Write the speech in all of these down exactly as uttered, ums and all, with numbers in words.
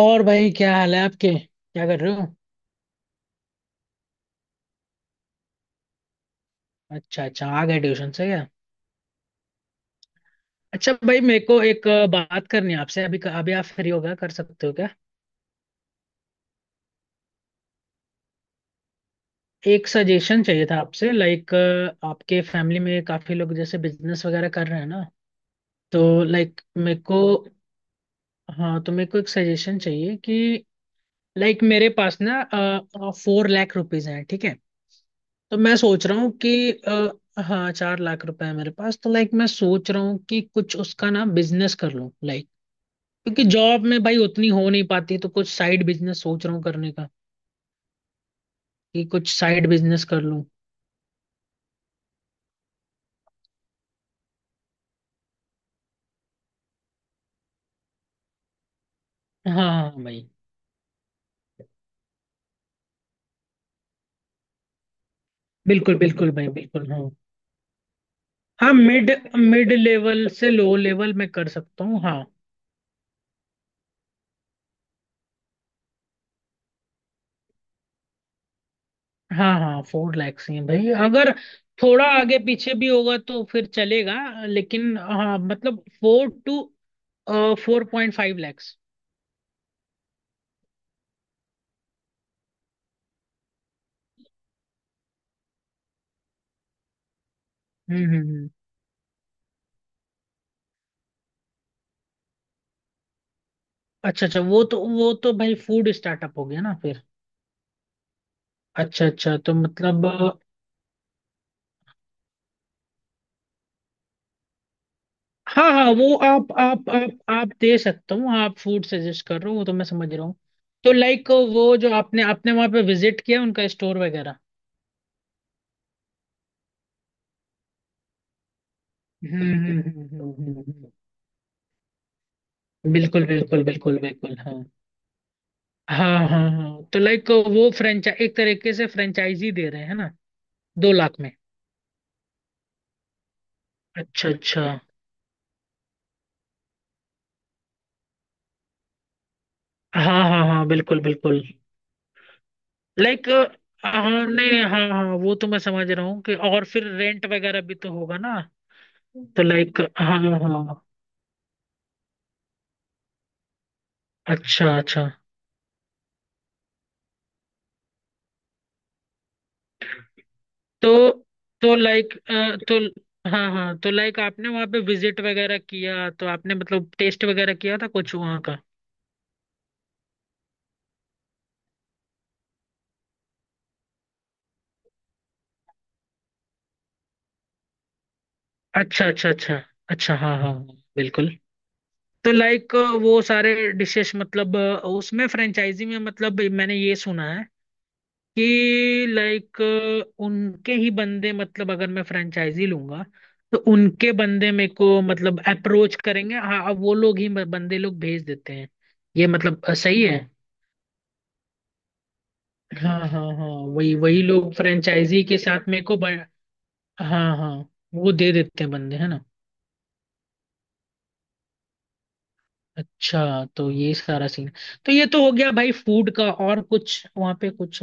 और भाई, क्या हाल है आपके? क्या कर रहे हो? अच्छा अच्छा, आ गए ट्यूशन से क्या? अच्छा भाई, मेरे को एक अ, बात करनी है आपसे। अभी अभी आप फ्री हो? गया कर सकते हो क्या? एक सजेशन चाहिए था आपसे लाइक। आपके फैमिली में काफी लोग जैसे बिजनेस वगैरह कर रहे हैं ना। तो लाइक मेरे को, हाँ, तो मेरे को एक सजेशन चाहिए कि लाइक like मेरे पास ना फोर लाख रुपीज हैं, ठीक है। तो मैं सोच रहा हूँ कि अ, हाँ, चार लाख रुपए है मेरे पास, तो लाइक मैं सोच रहा हूँ कि कुछ उसका ना बिजनेस कर लूँ लाइक। क्योंकि जॉब में भाई उतनी हो नहीं पाती, तो कुछ साइड बिजनेस सोच रहा हूँ करने का, कि कुछ साइड बिजनेस कर लूँ। हाँ हाँ हाँ, भाई। बिल्कुल बिल्कुल भाई, बिल्कुल हाँ। हाँ मिड मिड लेवल से लो लेवल में कर सकता हूँ, हाँ। हाँ हाँ, फोर लैक्स ही हैं भाई, अगर थोड़ा आगे पीछे भी होगा तो फिर चलेगा, लेकिन हाँ, मतलब four two four point five lakhs. हम्म हम्म हम्म। अच्छा अच्छा, वो तो वो तो भाई फूड स्टार्टअप हो गया ना फिर। अच्छा अच्छा, तो मतलब अ, हाँ हाँ, वो आप आप आप आप दे सकता हूँ। आप फूड सजेस्ट कर रहे हो, वो तो मैं समझ रहा हूँ। तो लाइक वो जो आपने आपने वहां पे विजिट किया, उनका स्टोर वगैरह। हम्म हम्म हम्म, हम्म, हम्म, हम्म। बिल्कुल बिल्कुल बिल्कुल बिल्कुल, हाँ। हाँ हाँ हाँ हाँ। तो लाइक वो फ्रेंचाइज एक तरीके से फ्रेंचाइजी दे रहे हैं ना। दो लाख में। अच्छा अच्छा। हाँ हाँ हाँ, बिल्कुल बिल्कुल लाइक। हाँ नहीं नहीं, हाँ हाँ, वो तो मैं समझ रहा हूँ कि, और फिर रेंट वगैरह भी तो होगा ना। तो लाइक, हाँ हाँ। अच्छा अच्छा, तो तो लाइक तो। हाँ हाँ, तो लाइक आपने वहाँ पे विजिट वगैरह किया, तो आपने मतलब टेस्ट वगैरह किया था कुछ वहाँ का? अच्छा अच्छा अच्छा। अच्छा हाँ हाँ हाँ, बिल्कुल। तो लाइक वो सारे डिशेस, मतलब अ, उसमें फ्रेंचाइजी में, मतलब मैंने ये सुना है कि लाइक उनके ही बंदे, मतलब अगर मैं फ्रेंचाइजी लूंगा तो उनके बंदे मेरे को मतलब अप्रोच करेंगे। हाँ, अब वो लोग ही बंदे लोग भेज देते हैं। ये मतलब अ, सही है। हाँ हाँ हाँ, वही वही लोग फ्रेंचाइजी के साथ मेरे को ब- हाँ हाँ, वो दे देते हैं बंदे, है ना? अच्छा, तो ये सारा सीन, तो ये तो हो गया भाई फूड का। और कुछ वहाँ पे? कुछ?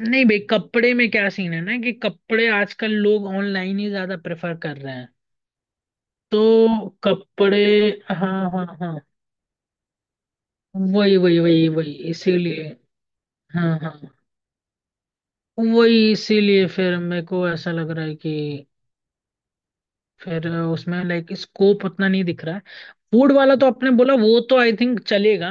नहीं भाई, कपड़े में क्या सीन है ना कि कपड़े आजकल लोग ऑनलाइन ही ज्यादा प्रेफर कर रहे हैं। तो कपड़े, हाँ हाँ हाँ, वही वही वही वही इसीलिए। हाँ हाँ, वही इसीलिए फिर मेरे को ऐसा लग रहा है कि फिर उसमें लाइक स्कोप उतना नहीं दिख रहा है। फूड वाला तो आपने बोला, वो तो आई थिंक चलेगा।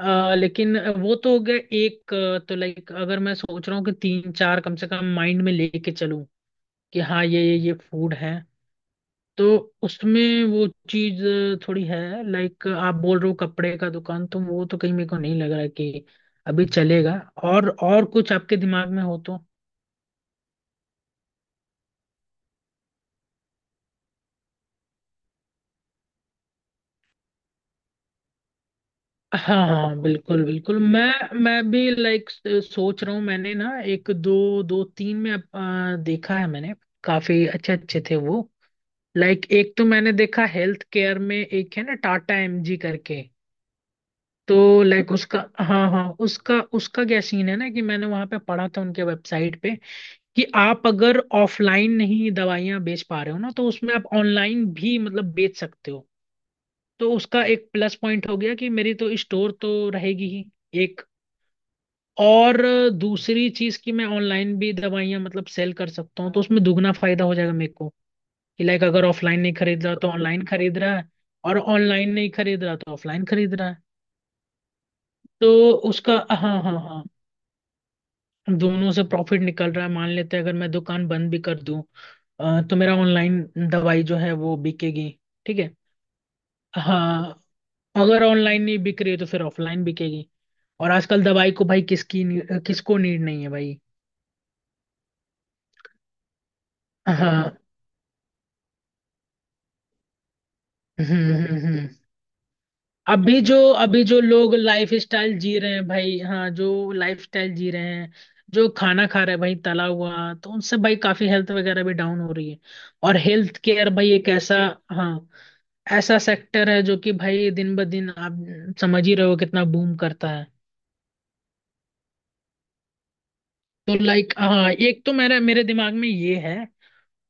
अ, लेकिन वो तो हो गया एक। अ, तो लाइक अगर मैं सोच रहा हूँ कि तीन चार कम से कम माइंड में लेके चलूं, कि हाँ, ये ये ये फूड है, तो उसमें वो चीज थोड़ी है। लाइक आप बोल रहे हो कपड़े का दुकान, तो वो तो कहीं मेरे को नहीं लग रहा है कि अभी चलेगा। और और कुछ आपके दिमाग में हो तो? हाँ हाँ, बिल्कुल बिल्कुल। मैं मैं भी लाइक सोच रहा हूँ, मैंने ना एक दो दो तीन में अ, देखा है मैंने, काफी अच्छे अच्छे थे वो। लाइक एक तो मैंने देखा हेल्थ केयर में एक है ना टाटा एम जी करके। तो लाइक उसका, हाँ हाँ, उसका उसका क्या सीन है ना कि मैंने वहां पे पढ़ा था उनके वेबसाइट पे कि आप अगर ऑफलाइन नहीं दवाइयां बेच पा रहे हो ना, तो उसमें आप ऑनलाइन भी मतलब बेच सकते हो। तो उसका एक प्लस पॉइंट हो गया, कि मेरी तो स्टोर तो रहेगी ही एक, और दूसरी चीज कि मैं ऑनलाइन भी दवाइयां मतलब सेल कर सकता हूँ, तो उसमें दुगना फायदा हो जाएगा मेरे को। कि लाइक अगर ऑफलाइन नहीं खरीद रहा तो ऑनलाइन खरीद रहा है, और ऑनलाइन नहीं खरीद रहा तो ऑफलाइन खरीद रहा है। तो उसका, हाँ हाँ हाँ, दोनों से प्रॉफिट निकल रहा है। मान लेते हैं अगर मैं दुकान बंद भी कर दूं, अ, तो मेरा ऑनलाइन दवाई जो है वो बिकेगी। ठीक है, हाँ। अगर ऑनलाइन नहीं बिक रही है तो फिर ऑफलाइन बिकेगी। और आजकल दवाई को भाई किसकी नी- किसको नीड नहीं है भाई, हाँ। हम्म हम्म हम्म। अभी जो अभी जो लोग लाइफ स्टाइल जी रहे हैं भाई, हाँ, जो लाइफ स्टाइल जी रहे हैं, जो खाना खा रहे हैं भाई तला हुआ, तो उनसे भाई काफी हेल्थ वगैरह भी डाउन हो रही है। और हेल्थ केयर भाई एक ऐसा, हाँ, ऐसा सेक्टर है जो कि भाई दिन ब दिन, आप समझ ही रहे हो कितना बूम करता है। तो लाइक, हाँ, एक तो मेरा मेरे दिमाग में ये है,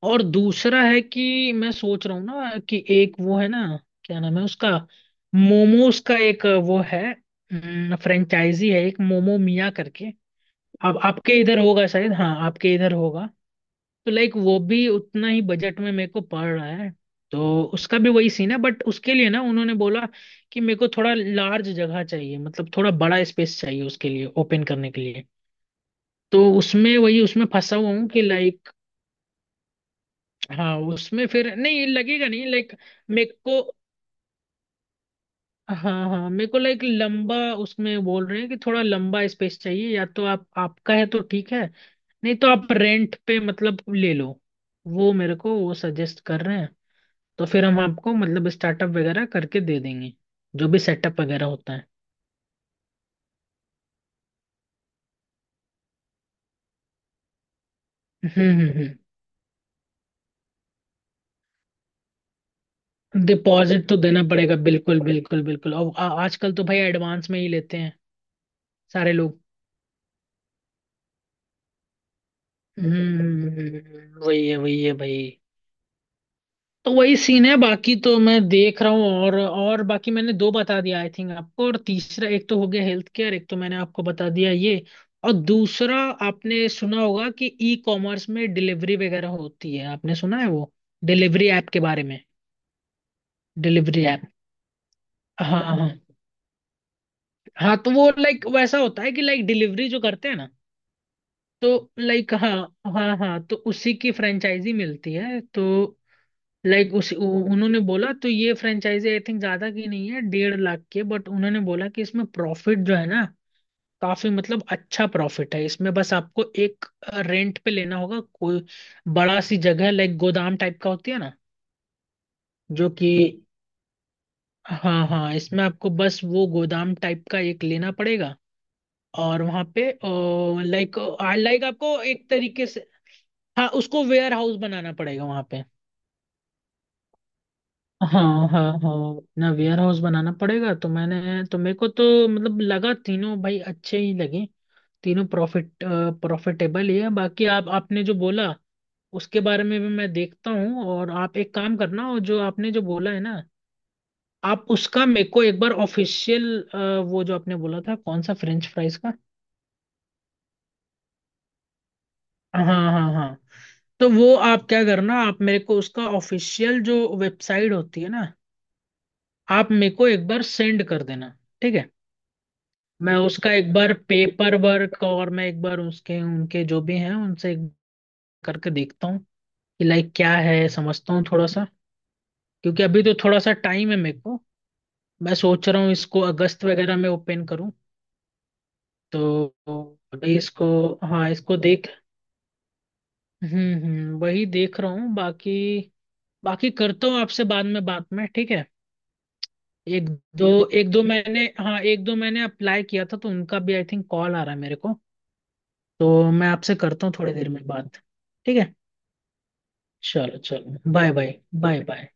और दूसरा है कि मैं सोच रहा हूँ ना कि एक वो है ना, क्या नाम है उसका, मोमोज का एक वो है, फ्रेंचाइजी है एक मोमो मिया करके। अब आपके इधर होगा शायद, हाँ, आपके इधर होगा। तो लाइक वो भी उतना ही बजट में मेरे को पड़ रहा है, तो उसका भी वही सीन है। बट उसके लिए ना उन्होंने बोला कि मेरे को थोड़ा लार्ज जगह चाहिए, मतलब थोड़ा बड़ा स्पेस चाहिए उसके लिए ओपन करने के लिए। तो उसमें वही, उसमें फंसा हुआ हूँ कि लाइक, हाँ, उसमें फिर नहीं लगेगा, नहीं लाइक मेरे को। हाँ हाँ, मेरे को लाइक लंबा, उसमें बोल रहे हैं कि थोड़ा लंबा स्पेस चाहिए, या तो आप आपका है तो ठीक है, नहीं तो आप रेंट पे मतलब ले लो, वो मेरे को वो सजेस्ट कर रहे हैं, तो फिर हम आपको मतलब स्टार्टअप वगैरह करके दे देंगे, जो भी सेटअप वगैरह होता है। हम्म हम्म हम्म। डिपॉजिट तो देना पड़ेगा, बिल्कुल बिल्कुल बिल्कुल, और आ- आजकल तो भाई एडवांस में ही लेते हैं सारे लोग। हम्म हम्म, हम्म। वही है वही है भाई, तो वही सीन है। बाकी तो मैं देख रहा हूँ, और और बाकी मैंने दो बता दिया आई थिंक आपको। और तीसरा, एक तो हो गया हेल्थ केयर, एक तो मैंने आपको बता दिया ये, और दूसरा, आपने सुना होगा कि ई कॉमर्स में डिलीवरी वगैरह होती है? आपने सुना है वो डिलीवरी ऐप के बारे में? डिलीवरी ऐप, हाँ हाँ हाँ। तो वो लाइक वैसा होता है कि लाइक डिलीवरी जो करते हैं ना, तो लाइक, हाँ हाँ हाँ, तो उसी की फ्रेंचाइजी मिलती है। तो लाइक उस उ- उन्होंने बोला तो ये फ्रेंचाइजी आई थिंक ज्यादा की नहीं है, डेढ़ लाख की है। बट उन्होंने बोला कि इसमें प्रॉफिट जो है ना काफी, मतलब अच्छा प्रॉफिट है इसमें, बस आपको एक रेंट पे लेना होगा कोई बड़ा सी जगह, लाइक गोदाम टाइप का होती है ना, जो कि, हाँ हाँ, इसमें आपको बस वो गोदाम टाइप का एक लेना पड़ेगा। और वहां पे लाइक लाइक आपको एक तरीके से, हाँ, उसको वेयर हाउस बनाना पड़ेगा वहां पे। हाँ हाँ हाँ, अपना वेयर हाउस बनाना पड़ेगा। तो मैंने तो, मेरे को तो मतलब लगा तीनों भाई अच्छे ही लगे, तीनों प्रॉफिट प्रॉफिटेबल ही है। बाकी आप आपने जो बोला, उसके बारे में भी मैं देखता हूँ। और आप एक काम करना, और जो आपने जो बोला है ना, आप उसका मेरे को एक बार ऑफिशियल, वो जो आपने बोला था, कौन सा? फ्रेंच फ्राइज का? हाँ हाँ हाँ हाँ। तो वो आप क्या करना, आप मेरे को उसका ऑफिशियल जो वेबसाइट होती है ना, आप मेरे को एक बार सेंड कर देना, ठीक है? मैं उसका एक बार पेपर वर्क, और मैं एक बार उसके उनके जो भी हैं उनसे एक करके देखता हूँ कि लाइक क्या है, समझता हूँ थोड़ा सा। क्योंकि अभी तो थोड़ा सा टाइम है मेरे को, मैं सोच रहा हूँ इसको अगस्त वगैरह में ओपन करूँ। तो अभी इसको, हाँ, इसको देख, हम्म हम्म, वही देख रहा हूँ। बाकी बाकी करता हूँ आपसे बाद में बात में, ठीक है? एक दो एक दो मैंने, हाँ, एक दो मैंने अप्लाई किया था तो उनका भी आई थिंक कॉल आ रहा है मेरे को। तो मैं आपसे करता हूँ थोड़ी देर में बात। ठीक है, चलो चलो, बाय बाय बाय बाय।